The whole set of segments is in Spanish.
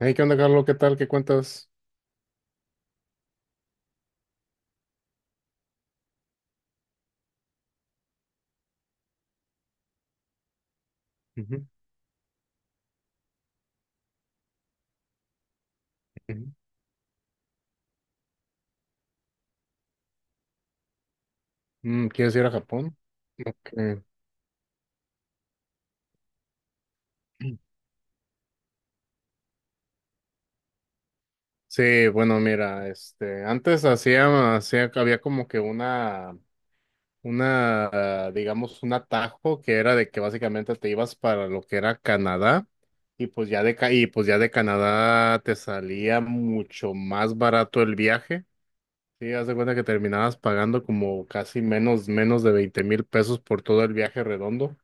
Hey, ¿qué onda, Carlos? ¿Qué tal? ¿Qué cuentas? Ujú, ujú. ¿Quieres ir a Japón? Ok. Sí, bueno, mira, antes había como que una, digamos, un atajo que era de que básicamente te ibas para lo que era Canadá y pues ya de Canadá te salía mucho más barato el viaje. Sí, haz de cuenta que terminabas pagando como menos de 20.000 pesos por todo el viaje redondo.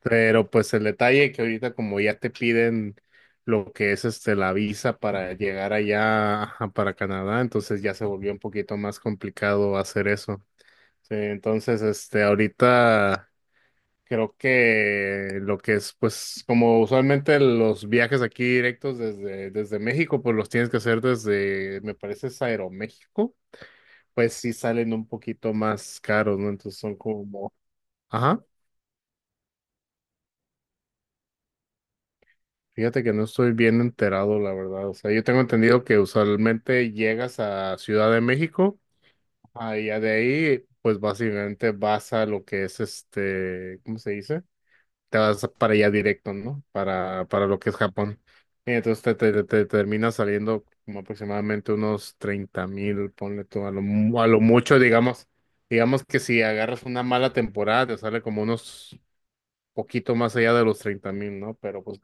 Pero pues el detalle que ahorita como ya te piden lo que es la visa para llegar allá, ajá, para Canadá, entonces ya se volvió un poquito más complicado hacer eso. Sí, entonces ahorita creo que lo que es, pues, como usualmente los viajes aquí directos desde México, pues los tienes que hacer desde, me parece, es Aeroméxico. Pues sí salen un poquito más caros, ¿no? Entonces son como, ajá. Fíjate que no estoy bien enterado, la verdad. O sea, yo tengo entendido que usualmente llegas a Ciudad de México, y ya de ahí pues básicamente vas a lo que es ¿cómo se dice? Te vas para allá directo, ¿no? Para lo que es Japón. Y entonces termina saliendo como aproximadamente unos 30.000, ponle tú, a lo mucho, digamos. Digamos que si agarras una mala temporada, te sale como unos poquito más allá de los 30.000, ¿no? Pero pues...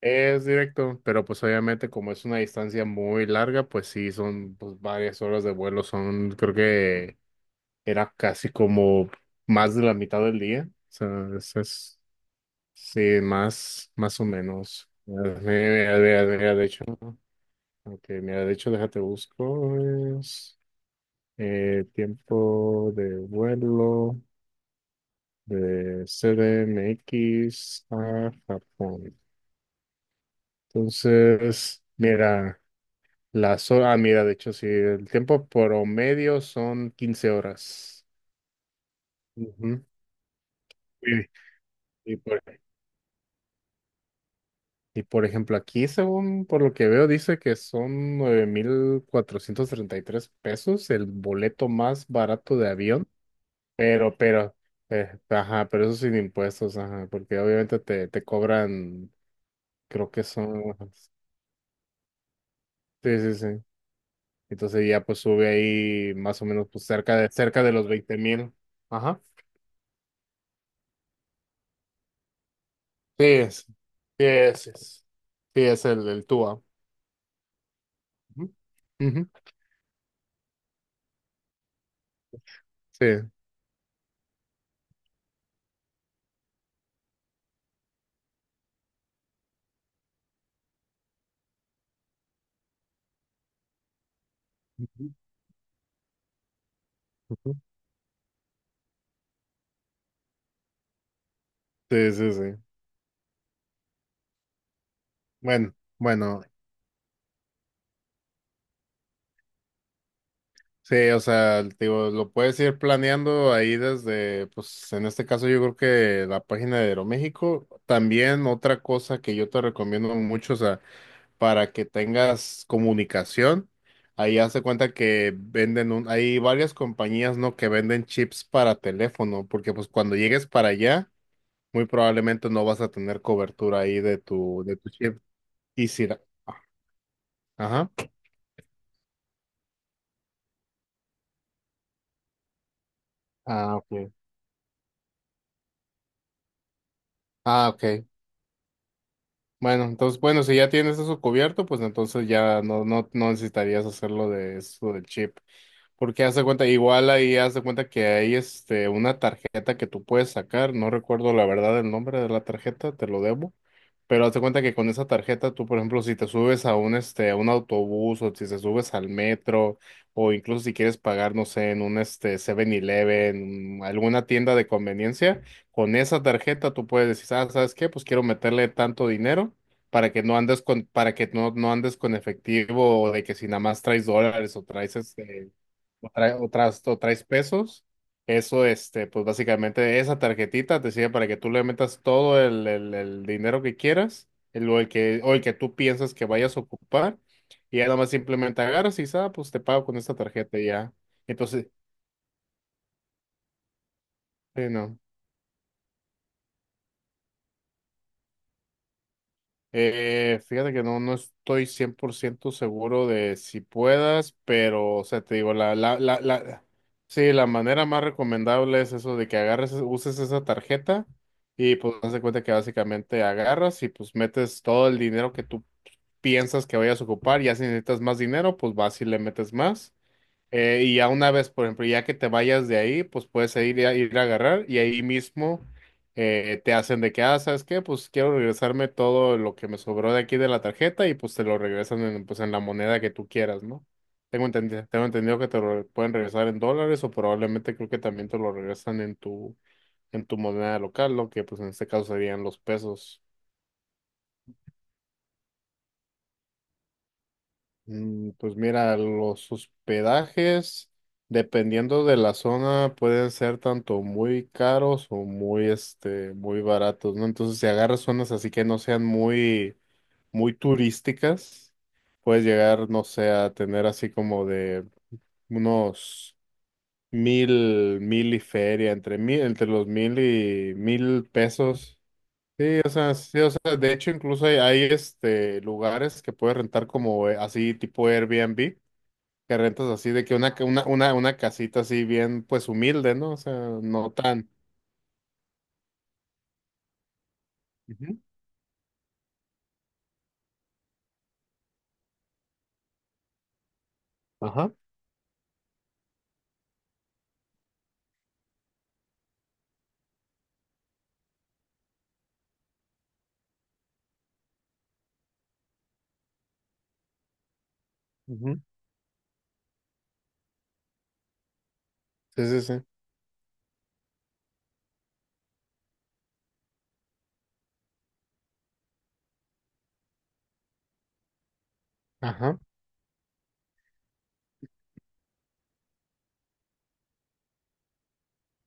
Es directo, pero pues obviamente como es una distancia muy larga, pues sí, son pues varias horas de vuelo. Son, creo que era casi como más de la mitad del día, o sea, sí, más, más o menos. Mira, de hecho, ok, mira, de hecho, déjate busco, es, tiempo de vuelo de CDMX a Japón. Entonces, mira. Las horas, ah, mira, de hecho, sí, el tiempo promedio son 15 horas. Ujú. Y, y y por ejemplo, aquí, según por lo que veo, dice que son 9.433 pesos el boleto más barato de avión, pero, pero, ajá, pero eso sin impuestos, ajá, porque obviamente te cobran, creo que son... Sí, sí, sí. Entonces ya pues sube ahí más o menos, pues cerca de los 20.000. Sí, es- sí, es el Tua. Ujú, ujú, sí. Ujú, ujú. Sí, sí, sí. Bueno, bueno, sí, o sea, te digo, lo puedes ir planeando ahí desde, pues en este caso yo creo que la página de Aeroméxico. También otra cosa que yo te recomiendo mucho, o sea, para que tengas comunicación, ahí hace cuenta que venden un... hay varias compañías, ¿no? Que venden chips para teléfono, porque pues cuando llegues para allá muy probablemente no vas a tener cobertura ahí de tu chip. Y si la- ajá. Ah, ok. Ah, ok. Bueno, entonces, bueno, si ya tienes eso cubierto, pues entonces ya no necesitarías hacerlo de eso del chip. Porque haz de cuenta, igual ahí haz de cuenta que hay una tarjeta que tú puedes sacar, no recuerdo la verdad el nombre de la tarjeta, te lo debo, pero haz de cuenta que con esa tarjeta tú, por ejemplo, si te subes a un este a un autobús o si te subes al metro o incluso si quieres pagar, no sé, en un Seven eleven, alguna tienda de conveniencia, con esa tarjeta tú puedes decir, ah, ¿sabes qué? Pues quiero meterle tanto dinero para que no andes con, para que no andes con efectivo, o de que si nada más traes dólares o traes este, o, tra- o traes pesos. Eso, pues básicamente esa tarjetita te sirve para que tú le metas todo el dinero que quieras, el, o el que tú piensas que vayas a ocupar, y ya nada más simplemente agarras y dices, ah, pues te pago con esta tarjeta y ya. Entonces, sí, no. Fíjate que no, no estoy 100% seguro de si puedas, pero o sea te digo, sí, la manera más recomendable es eso de que agarres, uses esa tarjeta y pues haz de cuenta que básicamente agarras y pues metes todo el dinero que tú piensas que vayas a ocupar. Ya si necesitas más dinero, pues vas y le metes más. Y ya una vez, por ejemplo, ya que te vayas de ahí, pues puedes ir a, ir a agarrar y ahí mismo te hacen de que, ah, ¿sabes qué? Pues quiero regresarme todo lo que me sobró de aquí de la tarjeta y pues te lo regresan en, pues, en la moneda que tú quieras, ¿no? Tengo entendido que te lo pueden regresar en dólares, o probablemente creo que también te lo regresan en tu moneda local, lo que pues en este caso serían los pesos. Mm, pues mira, los hospedajes, dependiendo de la zona, pueden ser tanto muy caros o muy, muy baratos, ¿no? Entonces, si agarras zonas así que no sean muy turísticas, puedes llegar, no sé, a tener así como de unos mil, mil y feria, entre mil, entre los mil y mil pesos. Sí, o sea, de hecho, incluso hay, lugares que puedes rentar como, así tipo Airbnb que rentas así, de que una, una casita así bien, pues humilde, ¿no? O sea, no tan. Ujú. Ajá. Ujú. Sí, sí, sí. Ajá.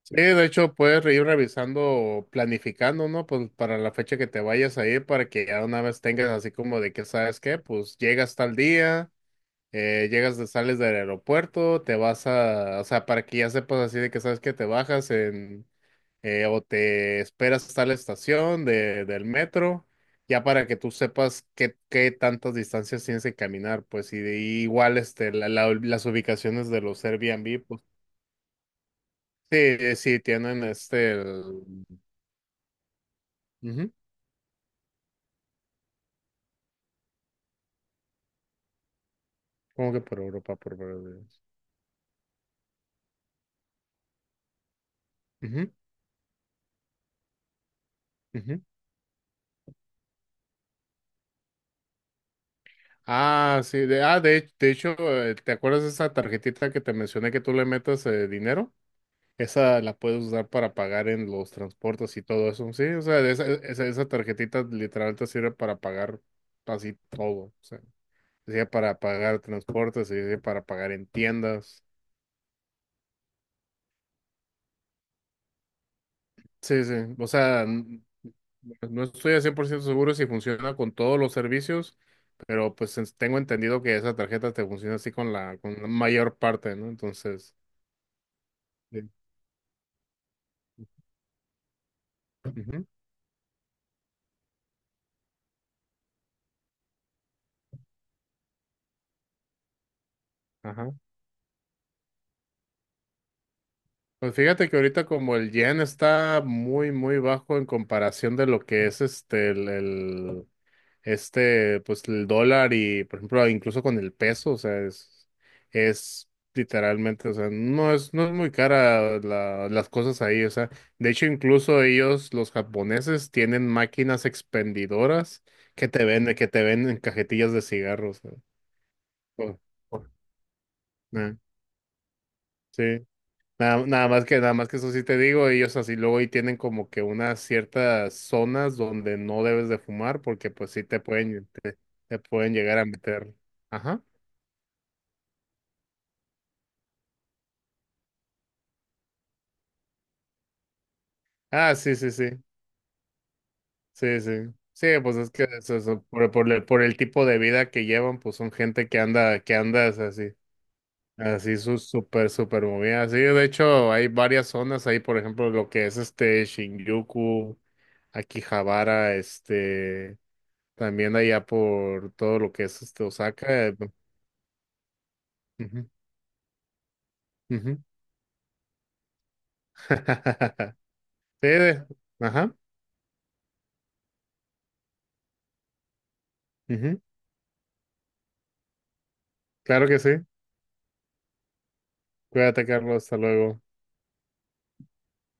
Sí, de hecho, puedes ir revisando, planificando, ¿no? Pues para la fecha que te vayas a ir, para que ya una vez tengas así como de que, ¿sabes qué? Pues llegas tal día, llegas, de, sales del aeropuerto, te vas a... o sea, para que ya sepas así de que, ¿sabes qué? Te bajas en... o te esperas hasta la estación de, del metro, ya para que tú sepas qué, qué tantas distancias tienes que caminar, pues, y igual las ubicaciones de los Airbnb, pues, sí, sí, tienen el... Ujú. Como que por Europa, ujú, ujú. De hecho, ¿te acuerdas de esa tarjetita que te mencioné que tú le metas, dinero? Esa la puedes usar para pagar en los transportes y todo eso. Sí, o sea, esa tarjetita literal te sirve para pagar así todo, o sea, te sirve para pagar transportes, te sirve para pagar en tiendas. Sí, sí, o sea, no estoy al 100% seguro si funciona con todos los servicios, pero pues tengo entendido que esa tarjeta te funciona así con la mayor parte, ¿no? Entonces, sí. Ujú, ajá. Pues fíjate que ahorita como el yen está muy, muy bajo en comparación de lo que es pues el dólar y, por ejemplo, incluso con el peso. O sea, es literalmente, o sea, no es, no es muy cara las cosas ahí. O sea, de hecho, incluso ellos, los japoneses, tienen máquinas expendidoras que te venden cajetillas de cigarros, ¿no? Oh, oh, eh, Sí. Nada más que eso sí te digo, ellos así luego y tienen como que unas ciertas zonas donde no debes de fumar porque pues sí te pueden, te pueden llegar a meter. Ajá. Ah, sí, sí, sí. Sí, sí. Sí, pues es que eso, por el tipo de vida que llevan, pues son gente que anda es así, así su súper, súper movida. Sí, de hecho hay varias zonas ahí, por ejemplo, lo que es Shinjuku, Akihabara, este... También allá por todo lo que es Osaka. Eh, ujú, ujú. Sí, de- ajá. Ujú. Claro que sí. Cuídate, Carlos. Hasta luego.